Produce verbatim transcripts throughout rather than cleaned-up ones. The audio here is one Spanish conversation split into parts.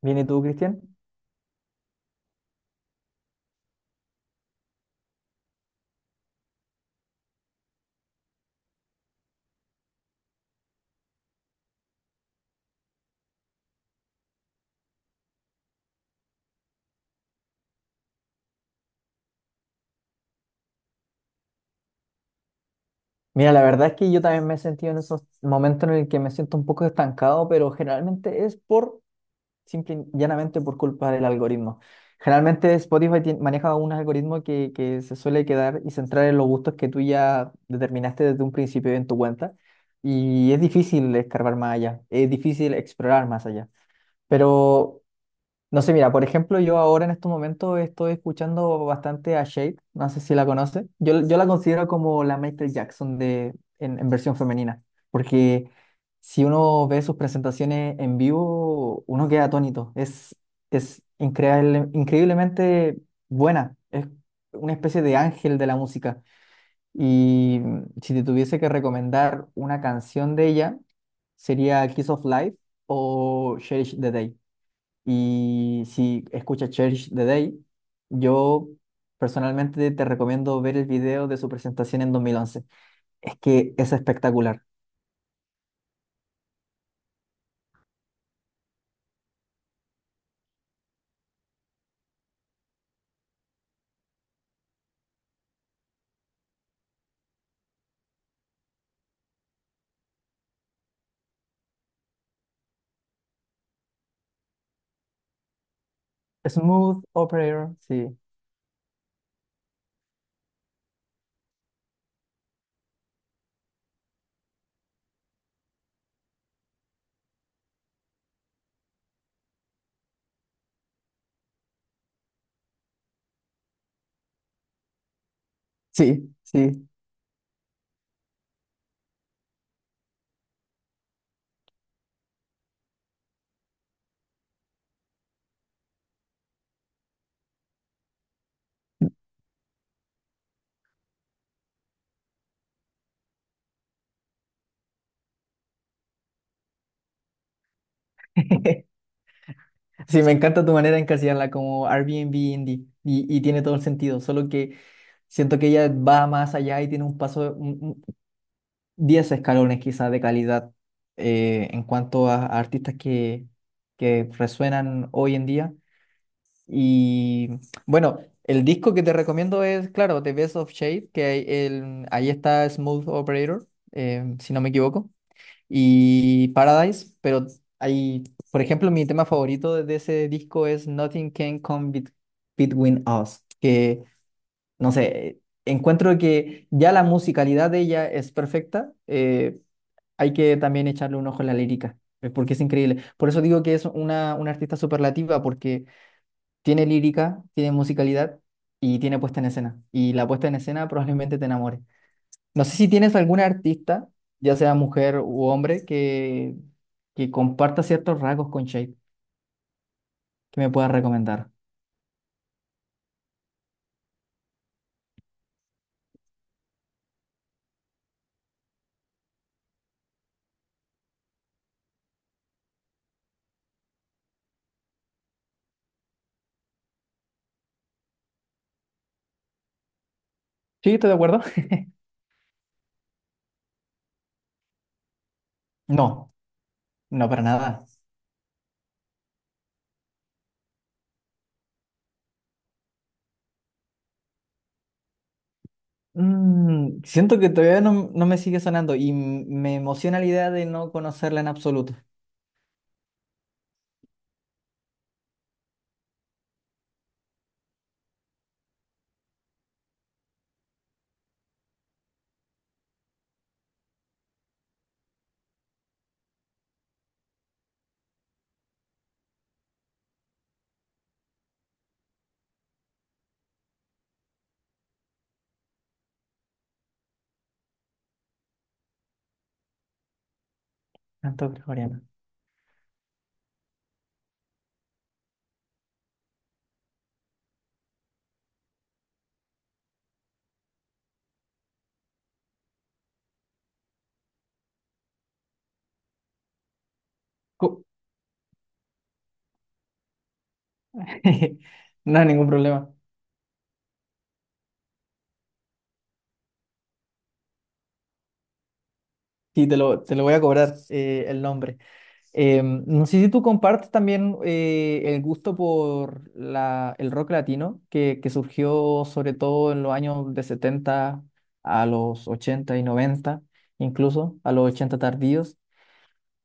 Bien, ¿y tú, Cristian? Mira, la verdad es que yo también me he sentido en esos momentos en el que me siento un poco estancado, pero generalmente es por, simple y llanamente, por culpa del algoritmo. Generalmente Spotify tien- maneja un algoritmo que, que se suele quedar y centrar en los gustos que tú ya determinaste desde un principio en tu cuenta. Y es difícil escarbar más allá, es difícil explorar más allá. Pero no sé, mira, por ejemplo, yo ahora en estos momentos estoy escuchando bastante a Shade, no sé si la conoces. Yo, yo la considero como la Michael Jackson de, en, en versión femenina, porque si uno ve sus presentaciones en vivo, uno queda atónito. Es, es increíble, increíblemente buena, es una especie de ángel de la música. Y mm, si te tuviese que recomendar una canción de ella, sería Kiss of Life o Cherish the Day. Y si escuchas Cherish the Day, yo personalmente te recomiendo ver el video de su presentación en dos mil once. Es que es espectacular. Smooth Operator, sí. Sí, sí. Sí, me encanta tu manera de encasillarla como Airbnb indie y, y tiene todo el sentido, solo que siento que ella va más allá y tiene un paso, un- un- diez escalones quizás de calidad eh, en cuanto a, a artistas que, que resuenan hoy en día. Y bueno, el disco que te recomiendo es, claro, The Best of Shade, que ahí el, ahí está Smooth Operator, eh, si no me equivoco, y Paradise, pero hay, por ejemplo, mi tema favorito de de ese disco es Nothing Can Come Bet- Between Us, que, no sé, encuentro que ya la musicalidad de ella es perfecta, eh, hay que también echarle un ojo a la lírica, eh, porque es increíble. Por eso digo que es una, una artista superlativa, porque tiene lírica, tiene musicalidad y tiene puesta en escena. Y la puesta en escena probablemente te enamore. No sé si tienes alguna artista, ya sea mujer u hombre, que, que comparta ciertos rasgos con Shape que me puedas recomendar. ¿Sí? ¿Estás de acuerdo? No, no para nada. Mm, siento que todavía no, no me sigue sonando y m- me emociona la idea de no conocerla en absoluto. Canto gregoriano. Cu- No hay ningún problema. Sí, te lo, te lo voy a cobrar eh, el nombre. Eh, no sé si tú compartes también eh, el gusto por la, el rock latino, que, que surgió sobre todo en los años de setenta a los ochenta y noventa, incluso a los ochenta tardíos.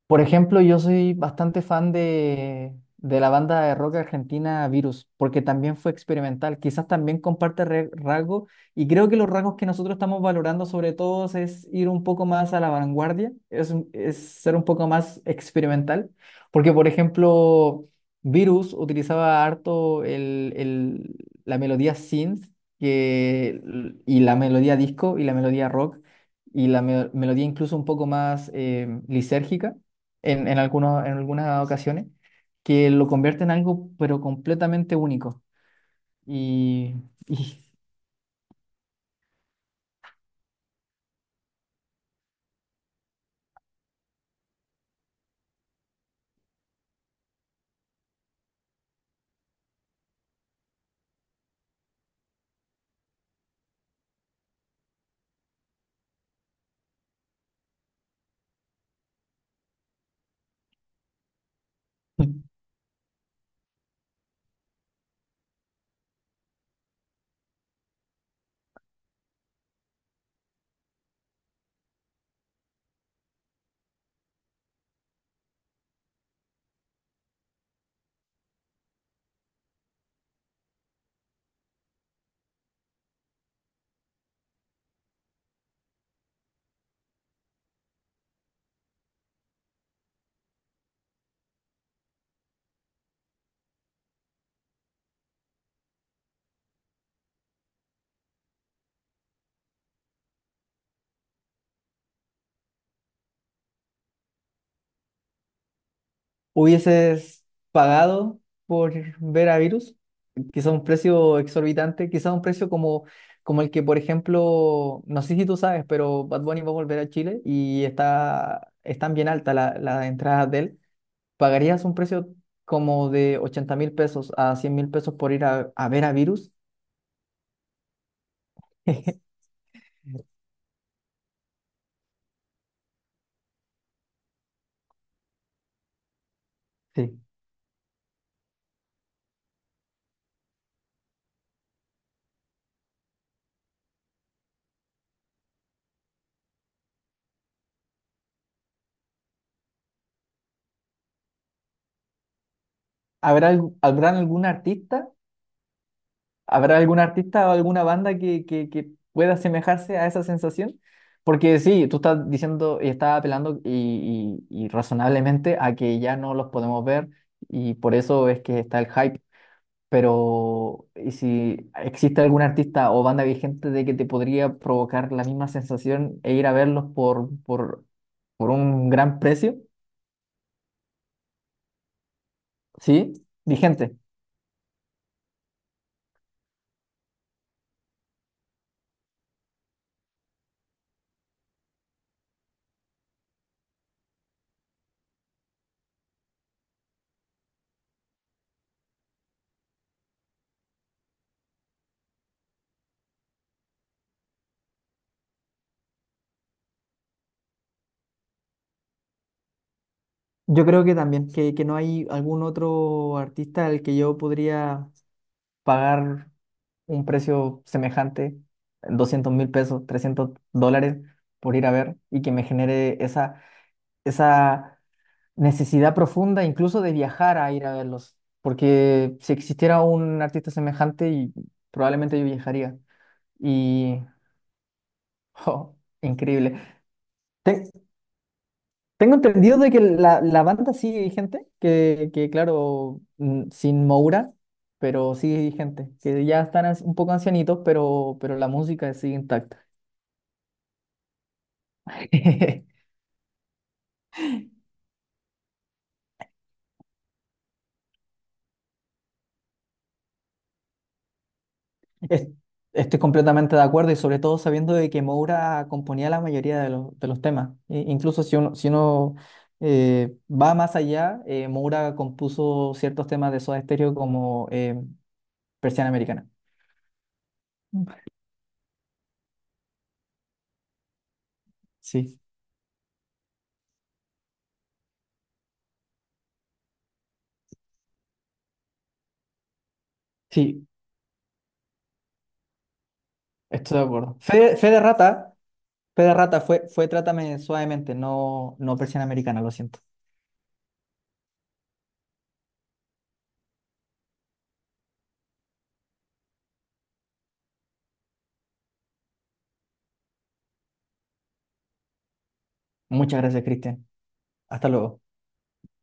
Por ejemplo, yo soy bastante fan de, de la banda de rock argentina Virus, porque también fue experimental. Quizás también comparte re- rasgos, y creo que los rasgos que nosotros estamos valorando sobre todo es ir un poco más a la vanguardia, es, un- es ser un poco más experimental, porque por ejemplo, Virus utilizaba harto el, el- la melodía synth que, y la melodía disco y la melodía rock y la me- melodía incluso un poco más eh, lisérgica en, en, algunos, en algunas ocasiones, que lo convierte en algo pero completamente único. Y, y hubieses pagado por ver a Virus, quizá un precio exorbitante, quizá un precio como, como el que, por ejemplo, no sé si tú sabes, pero Bad Bunny va a volver a Chile y está, están bien altas la- las entradas de él. ¿Pagarías un precio como de ochenta mil pesos a cien mil pesos por ir a, a ver a Virus? Sí. ¿Habrá, algu- habrán algún artista? ¿Habrá algún artista o alguna banda que, que, que pueda asemejarse a esa sensación? Porque sí, tú estás diciendo y estás apelando y, y- y razonablemente a que ya no los podemos ver y por eso es que está el hype. Pero, ¿y si existe algún artista o banda vigente de que te podría provocar la misma sensación e ir a verlos por, por, por un gran precio? ¿Sí? Vigente. Yo creo que también, que, que no hay algún otro artista al que yo podría pagar un precio semejante, doscientos mil pesos, trescientos dólares por ir a ver y que me genere esa, esa necesidad profunda incluso de viajar a ir a verlos. Porque si existiera un artista semejante, y probablemente yo viajaría. Y, oh, increíble. Te- Tengo entendido de que la, la banda sigue vigente, que, que claro, mm, sin Moura, pero sigue vigente, que ya están as- un poco ancianitos, pero, pero la música sigue intacta. Es- Estoy completamente de acuerdo y sobre todo sabiendo de que Moura componía la mayoría de los, de los temas. E- incluso si uno, si uno eh, va más allá, eh, Moura compuso ciertos temas de Soda Stereo como eh, Persiana Americana. Sí, sí, estoy de acuerdo. Fe, Fe de Rata. Fe de rata fue, fue Trátame suavemente, no, no versión americana, lo siento. Muchas gracias, Cristian. Hasta luego.